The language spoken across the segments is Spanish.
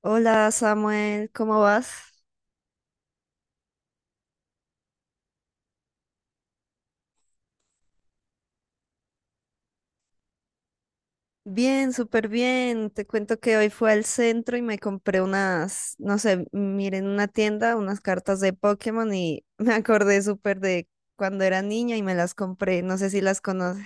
Hola Samuel, ¿cómo vas? Bien, súper bien. Te cuento que hoy fui al centro y me compré unas, no sé, miren una tienda, unas cartas de Pokémon y me acordé súper de cuando era niña y me las compré. No sé si las conoces.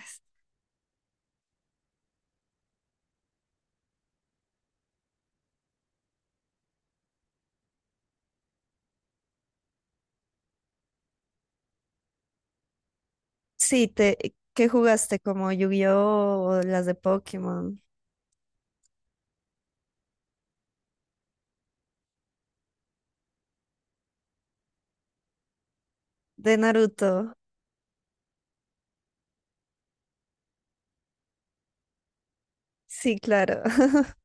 Sí, ¿qué jugaste? ¿Como Yu-Gi-Oh o las de Pokémon? De Naruto. Sí, claro.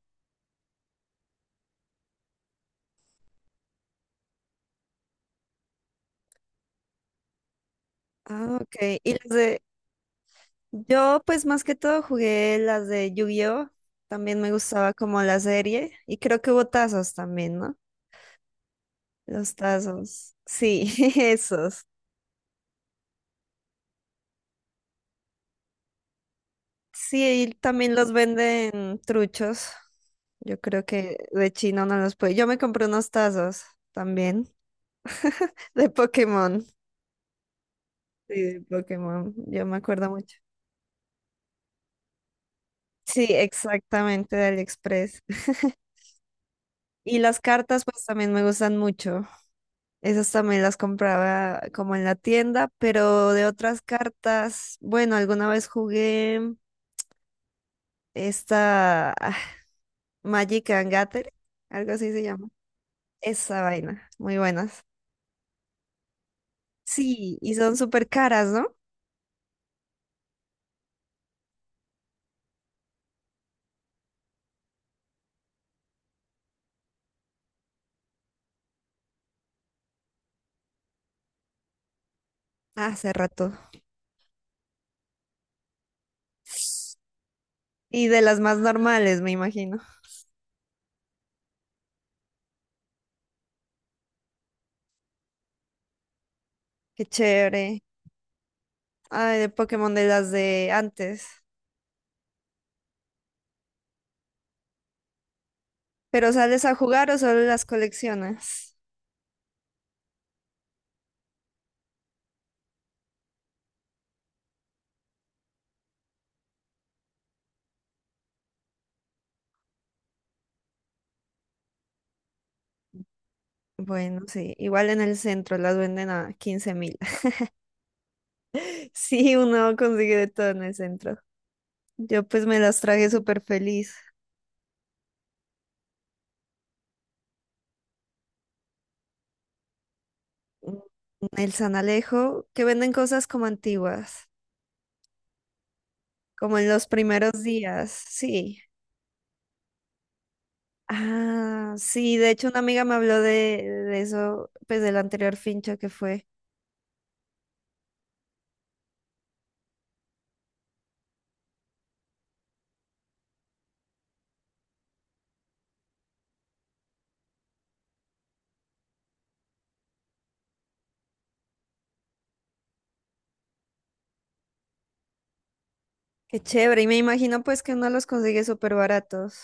Ah, ok. Yo pues más que todo jugué las de Yu-Gi-Oh! También me gustaba como la serie y creo que hubo tazos también, ¿no? Los tazos. Sí, esos. Sí, y también los venden truchos. Yo creo que de China no los puede. Yo me compré unos tazos también de Pokémon. Sí, de Pokémon. Yo me acuerdo mucho. Sí, exactamente de AliExpress. Y las cartas pues también me gustan mucho. Esas también las compraba como en la tienda, pero de otras cartas, bueno, alguna vez jugué esta Magic and Gathering, algo así se llama. Esa vaina, muy buenas. Sí, y son súper caras, ¿no? Hace rato. Y de las más normales, me imagino. Qué chévere. Ay, de Pokémon de las de antes. ¿Pero sales a jugar o solo las coleccionas? Bueno, sí, igual en el centro las venden a 15.000. Sí, uno consigue de todo en el centro. Yo pues me las traje súper feliz. Mm, el San Alejo, que venden cosas como antiguas, como en los primeros días, sí. Ah, sí, de hecho una amiga me habló de eso, pues del anterior fincha que fue. Qué chévere, y me imagino pues que uno los consigue súper baratos.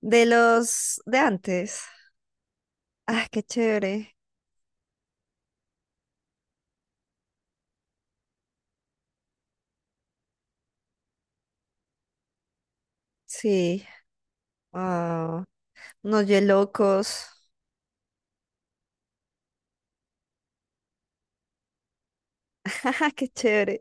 De los de antes. Ah, qué chévere. Sí. Wow. Unos locos. Qué chévere.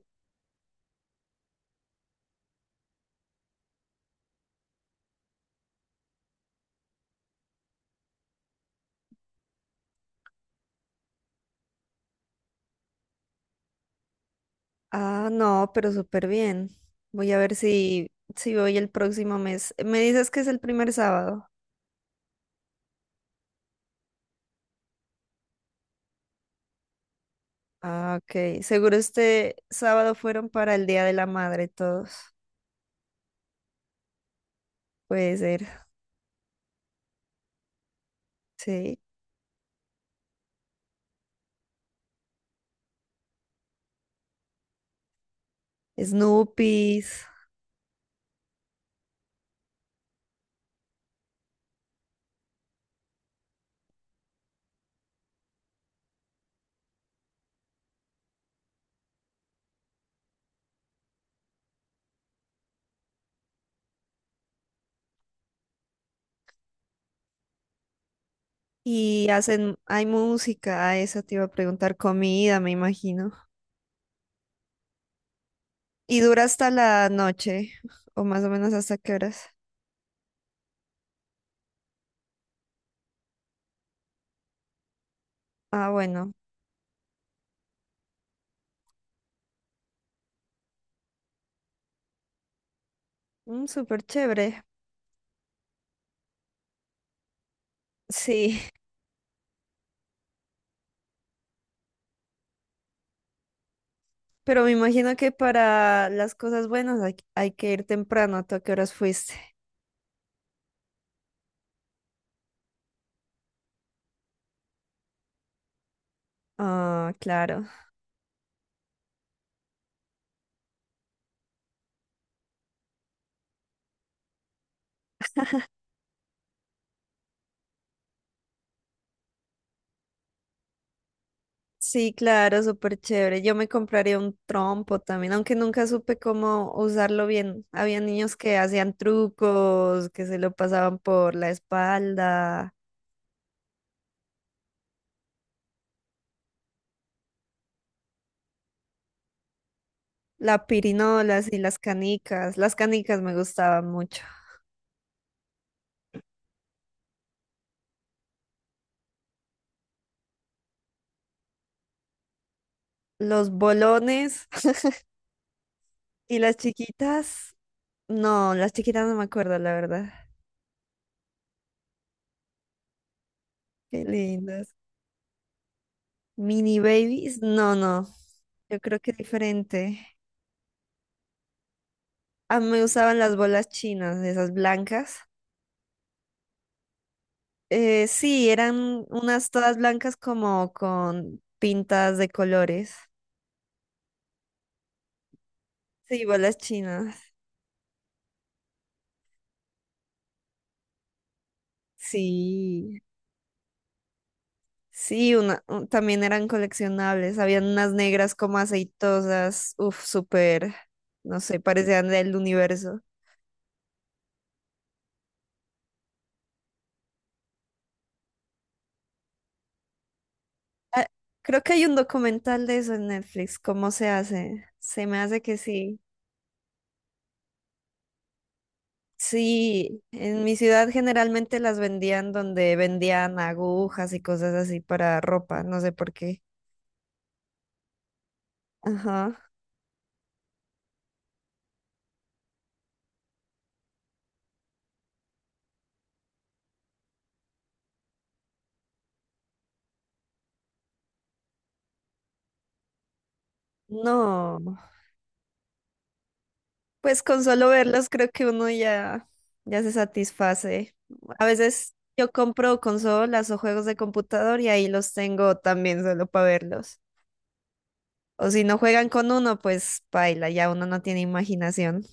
Ah, no, pero súper bien. Voy a ver si voy el próximo mes. Me dices que es el primer sábado. Ah, ok. Seguro este sábado fueron para el Día de la Madre todos. Puede ser. Sí. Snoopies. Hay música, ah, eso te iba a preguntar, comida, me imagino. Y dura hasta la noche, o más o menos hasta qué horas. Ah, bueno. Mm, súper chévere. Sí. Pero me imagino que para las cosas buenas hay que ir temprano. ¿Tú a qué horas fuiste? Ah, claro. Sí, claro, súper chévere. Yo me compraría un trompo también, aunque nunca supe cómo usarlo bien. Había niños que hacían trucos, que se lo pasaban por la espalda, la pirinola y las canicas. Las canicas me gustaban mucho. Los bolones y las chiquitas. No, las chiquitas no me acuerdo, la verdad. Qué lindas. Mini babies, no, no. Yo creo que es diferente. A mí me usaban las bolas chinas, esas blancas. Sí, eran unas todas blancas como con pintas de colores. Sí, bolas chinas. Sí, sí, también eran coleccionables. Habían unas negras como aceitosas, uf, súper, no sé, parecían del universo. Ah, creo que hay un documental de eso en Netflix, ¿cómo se hace? Se me hace que sí. Sí, en mi ciudad generalmente las vendían donde vendían agujas y cosas así para ropa, no sé por qué. Ajá. No, pues con solo verlos creo que uno ya, ya se satisface. A veces yo compro consolas o juegos de computador y ahí los tengo también solo para verlos. O si no juegan con uno, pues baila, ya uno no tiene imaginación.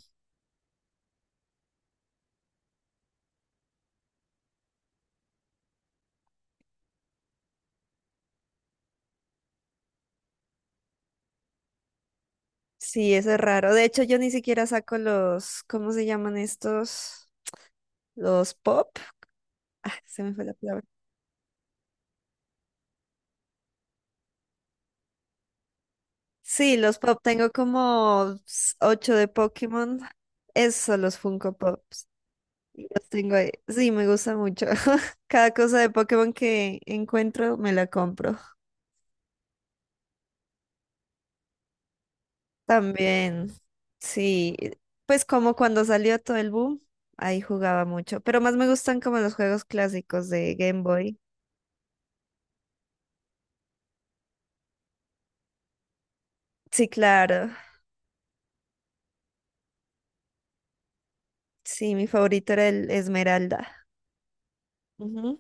Sí, eso es raro. De hecho, yo ni siquiera saco los, ¿cómo se llaman estos? Los pop. Ah, se me fue la palabra. Sí, los pop. Tengo como ocho de Pokémon. Eso, los Funko Pops. Y Los tengo ahí. Sí, me gusta mucho. Cada cosa de Pokémon que encuentro, me la compro. También, sí. Pues como cuando salió todo el boom, ahí jugaba mucho. Pero más me gustan como los juegos clásicos de Game Boy. Sí, claro. Sí, mi favorito era el Esmeralda. Ujú.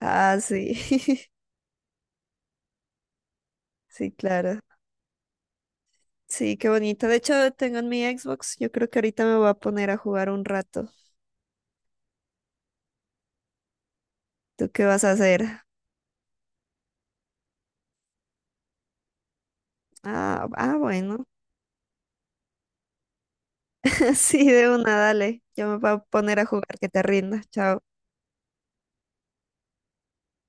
Ah, sí. Sí, claro. Sí, qué bonito. De hecho, tengo en mi Xbox. Yo creo que ahorita me voy a poner a jugar un rato. ¿Tú qué vas a hacer? Ah, ah, bueno. Sí, de una, dale. Yo me voy a poner a jugar, que te rinda. Chao.